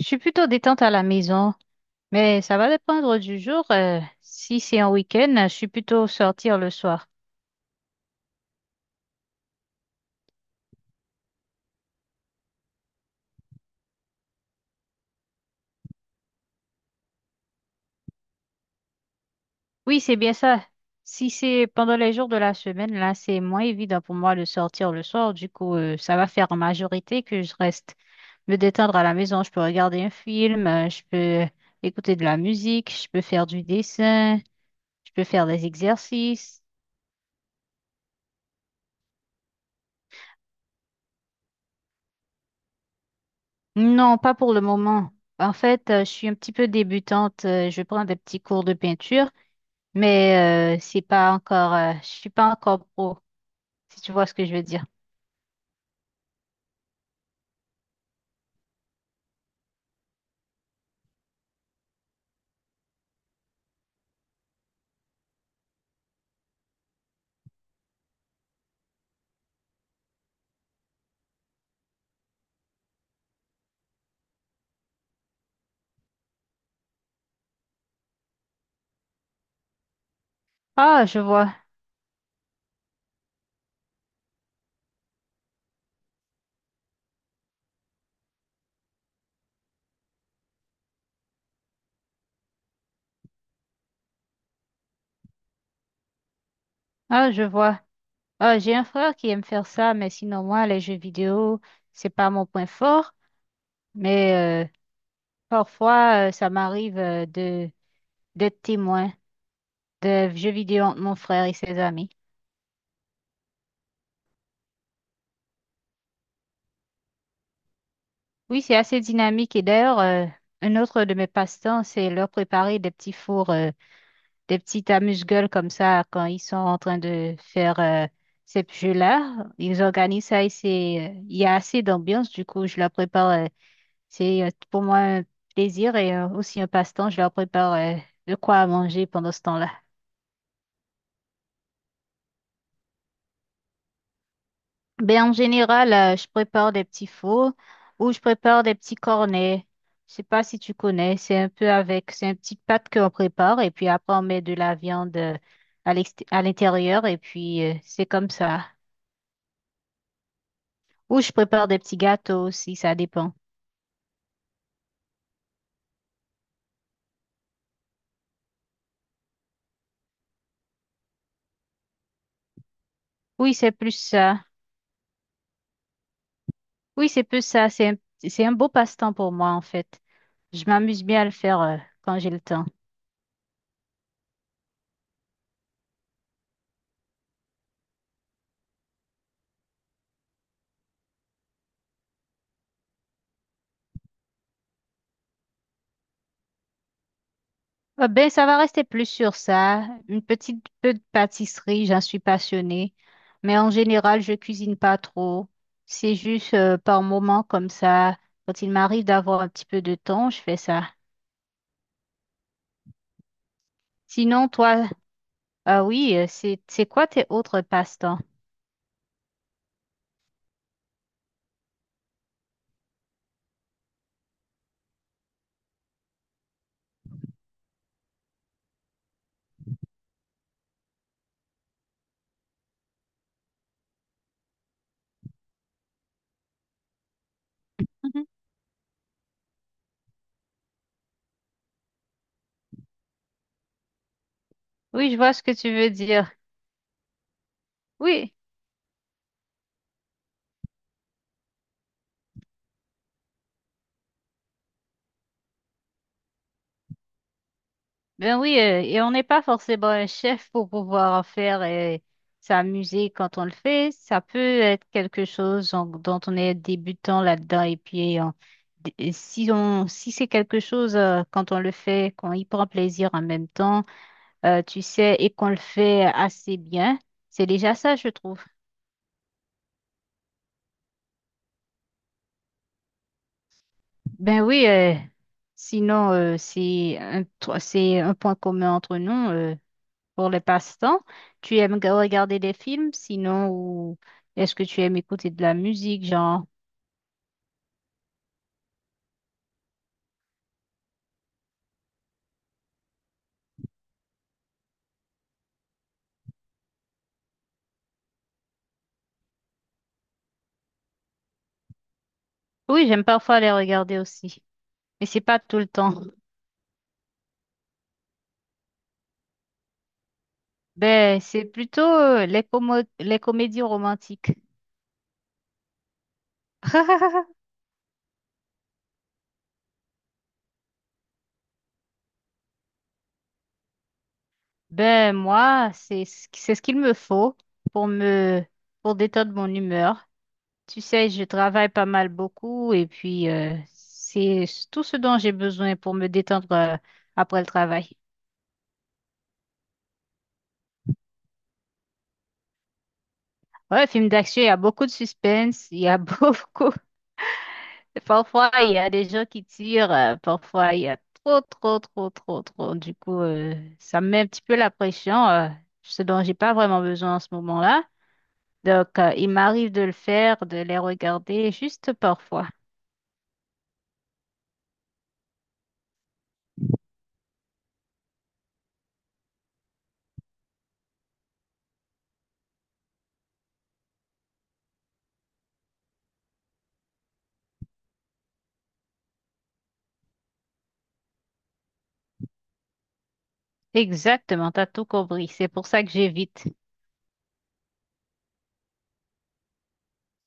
Je suis plutôt détente à la maison, mais ça va dépendre du jour. Si c'est un week-end, je suis plutôt sortir le soir. Oui, c'est bien ça. Si c'est pendant les jours de la semaine, là, c'est moins évident pour moi de sortir le soir. Du coup, ça va faire en majorité que je reste me détendre à la maison. Je peux regarder un film, je peux écouter de la musique, je peux faire du dessin, je peux faire des exercices. Non, pas pour le moment. En fait, je suis un petit peu débutante. Je prends des petits cours de peinture, mais c'est pas encore, je suis pas encore pro, si tu vois ce que je veux dire. Ah, je vois, ah, je vois. Ah, j'ai un frère qui aime faire ça, mais sinon moi, les jeux vidéo, c'est pas mon point fort, mais euh, parfois, ça m'arrive de d'être témoin de jeux vidéo entre mon frère et ses amis. Oui, c'est assez dynamique et d'ailleurs, un autre de mes passe-temps, c'est leur préparer des petits fours. Des petites amuse-gueules comme ça quand ils sont en train de faire ces jeux-là. Ils organisent ça et c'est, il y a assez d'ambiance. Du coup, je leur prépare. C'est pour moi un plaisir et aussi un passe-temps. Je leur prépare de quoi à manger pendant ce temps-là. Ben, en général, je prépare des petits fours ou je prépare des petits cornets. Je sais pas si tu connais, c'est un peu avec, c'est une petite pâte qu'on prépare et puis après on met de la viande à à l'intérieur et puis c'est comme ça. Ou je prépare des petits gâteaux aussi, ça dépend. Oui, c'est plus ça. Oui, c'est plus ça. C'est un beau passe-temps pour moi, en fait. Je m'amuse bien à le faire quand j'ai le temps. Ah ben, ça va rester plus sur ça. Une petite peu de pâtisserie, j'en suis passionnée. Mais en général, je cuisine pas trop. C'est juste par moments comme ça. Quand il m'arrive d'avoir un petit peu de temps, je fais ça. Sinon, toi, ah oui, c'est quoi tes autres passe-temps? Mhm. Oui, je vois ce que tu veux dire. Oui. Ben oui, et on n'est pas forcément un chef pour pouvoir en faire sa musique quand on le fait. Ça peut être quelque chose dont on est débutant là-dedans. Et puis, et si on, si c'est quelque chose quand on le fait, qu'on y prend plaisir en même temps, tu sais, et qu'on le fait assez bien, c'est déjà ça, je trouve. Ben oui, sinon, c'est un, c'est un point commun entre nous. Pour les passe-temps? Tu aimes regarder des films, sinon, ou est-ce que tu aimes écouter de la musique, genre? Oui, j'aime parfois les regarder aussi, mais c'est pas tout le temps. Ben, c'est plutôt les les comédies romantiques. Ben, moi, c'est ce c'est ce qu'il me faut pour me pour détendre mon humeur. Tu sais, je travaille pas mal beaucoup et puis c'est tout ce dont j'ai besoin pour me détendre après le travail. Ouais, film d'action, il y a beaucoup de suspense, il y a beaucoup. Parfois, il y a des gens qui tirent, parfois, il y a trop, trop, trop, trop, trop. Du coup, ça me met un petit peu la pression, ce dont j'ai pas vraiment besoin en ce moment-là. Donc, il m'arrive de le faire, de les regarder juste parfois. Exactement, t'as tout compris. C'est pour ça que j'évite.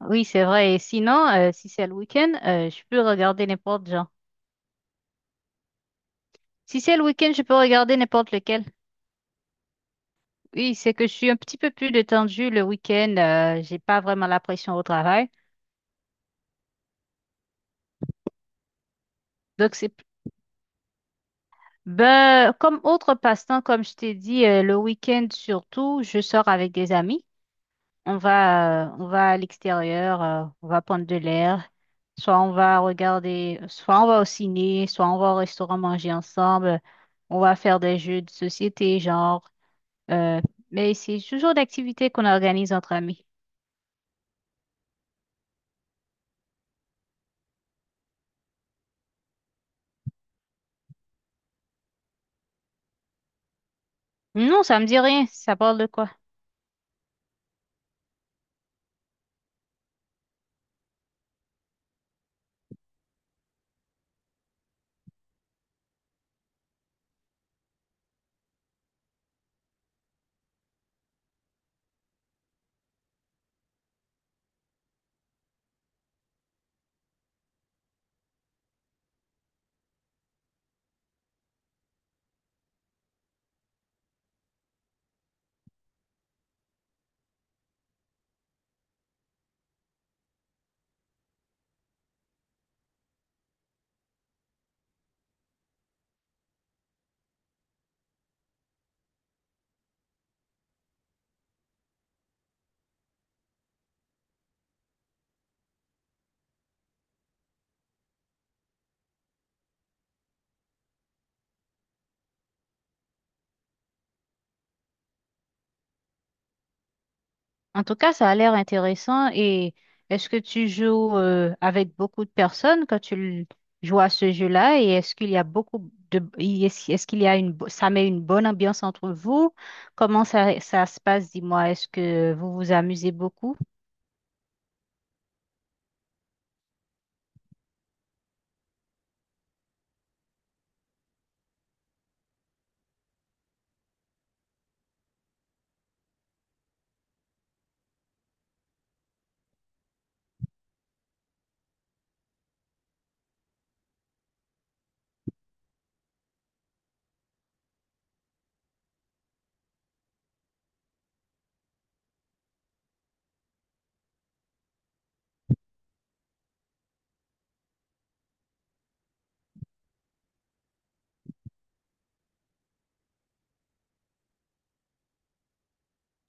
Oui, c'est vrai. Et sinon, si c'est le week-end, je peux regarder n'importe genre. Si c'est le week-end, je peux regarder n'importe lequel. Oui, c'est que je suis un petit peu plus détendue le week-end. J'ai pas vraiment la pression au travail. Donc, c'est, ben, comme autre passe-temps, comme je t'ai dit, le week-end surtout, je sors avec des amis. On va à l'extérieur, on va prendre de l'air. Soit on va regarder, soit on va au ciné, soit on va au restaurant manger ensemble. On va faire des jeux de société, genre. euh, mais c'est toujours d'activités qu'on organise entre amis. Non, ça me dit rien. Ça parle de quoi? En tout cas, ça a l'air intéressant. Et est-ce que tu joues avec beaucoup de personnes quand joues à ce jeu-là? Et est-ce qu'il y a beaucoup de... Est-ce qu'il y a une... Ça met une bonne ambiance entre vous? Comment ça, ça se passe? Dis-moi, est-ce que vous vous amusez beaucoup?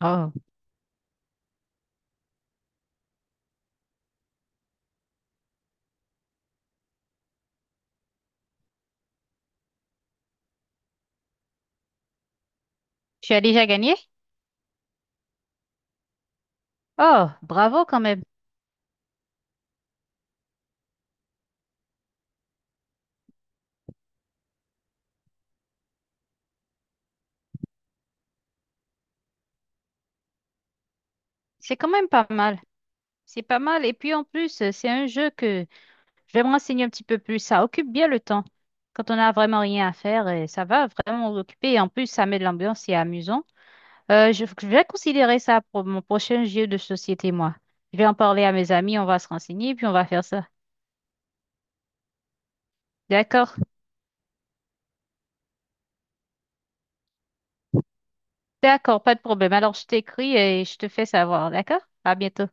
Oh, tu as déjà gagné? Oh, bravo quand même. C'est quand même pas mal. C'est pas mal. Et puis en plus, c'est un jeu que... Je vais me renseigner un petit peu plus. Ça occupe bien le temps. Quand on n'a vraiment rien à faire, et ça va vraiment nous occuper. Et en plus, ça met de l'ambiance, c'est amusant. Je vais considérer ça pour mon prochain jeu de société, moi. Je vais en parler à mes amis, on va se renseigner, puis on va faire ça. D'accord? D'accord, pas de problème. Alors, je t'écris et je te fais savoir. D'accord? À bientôt.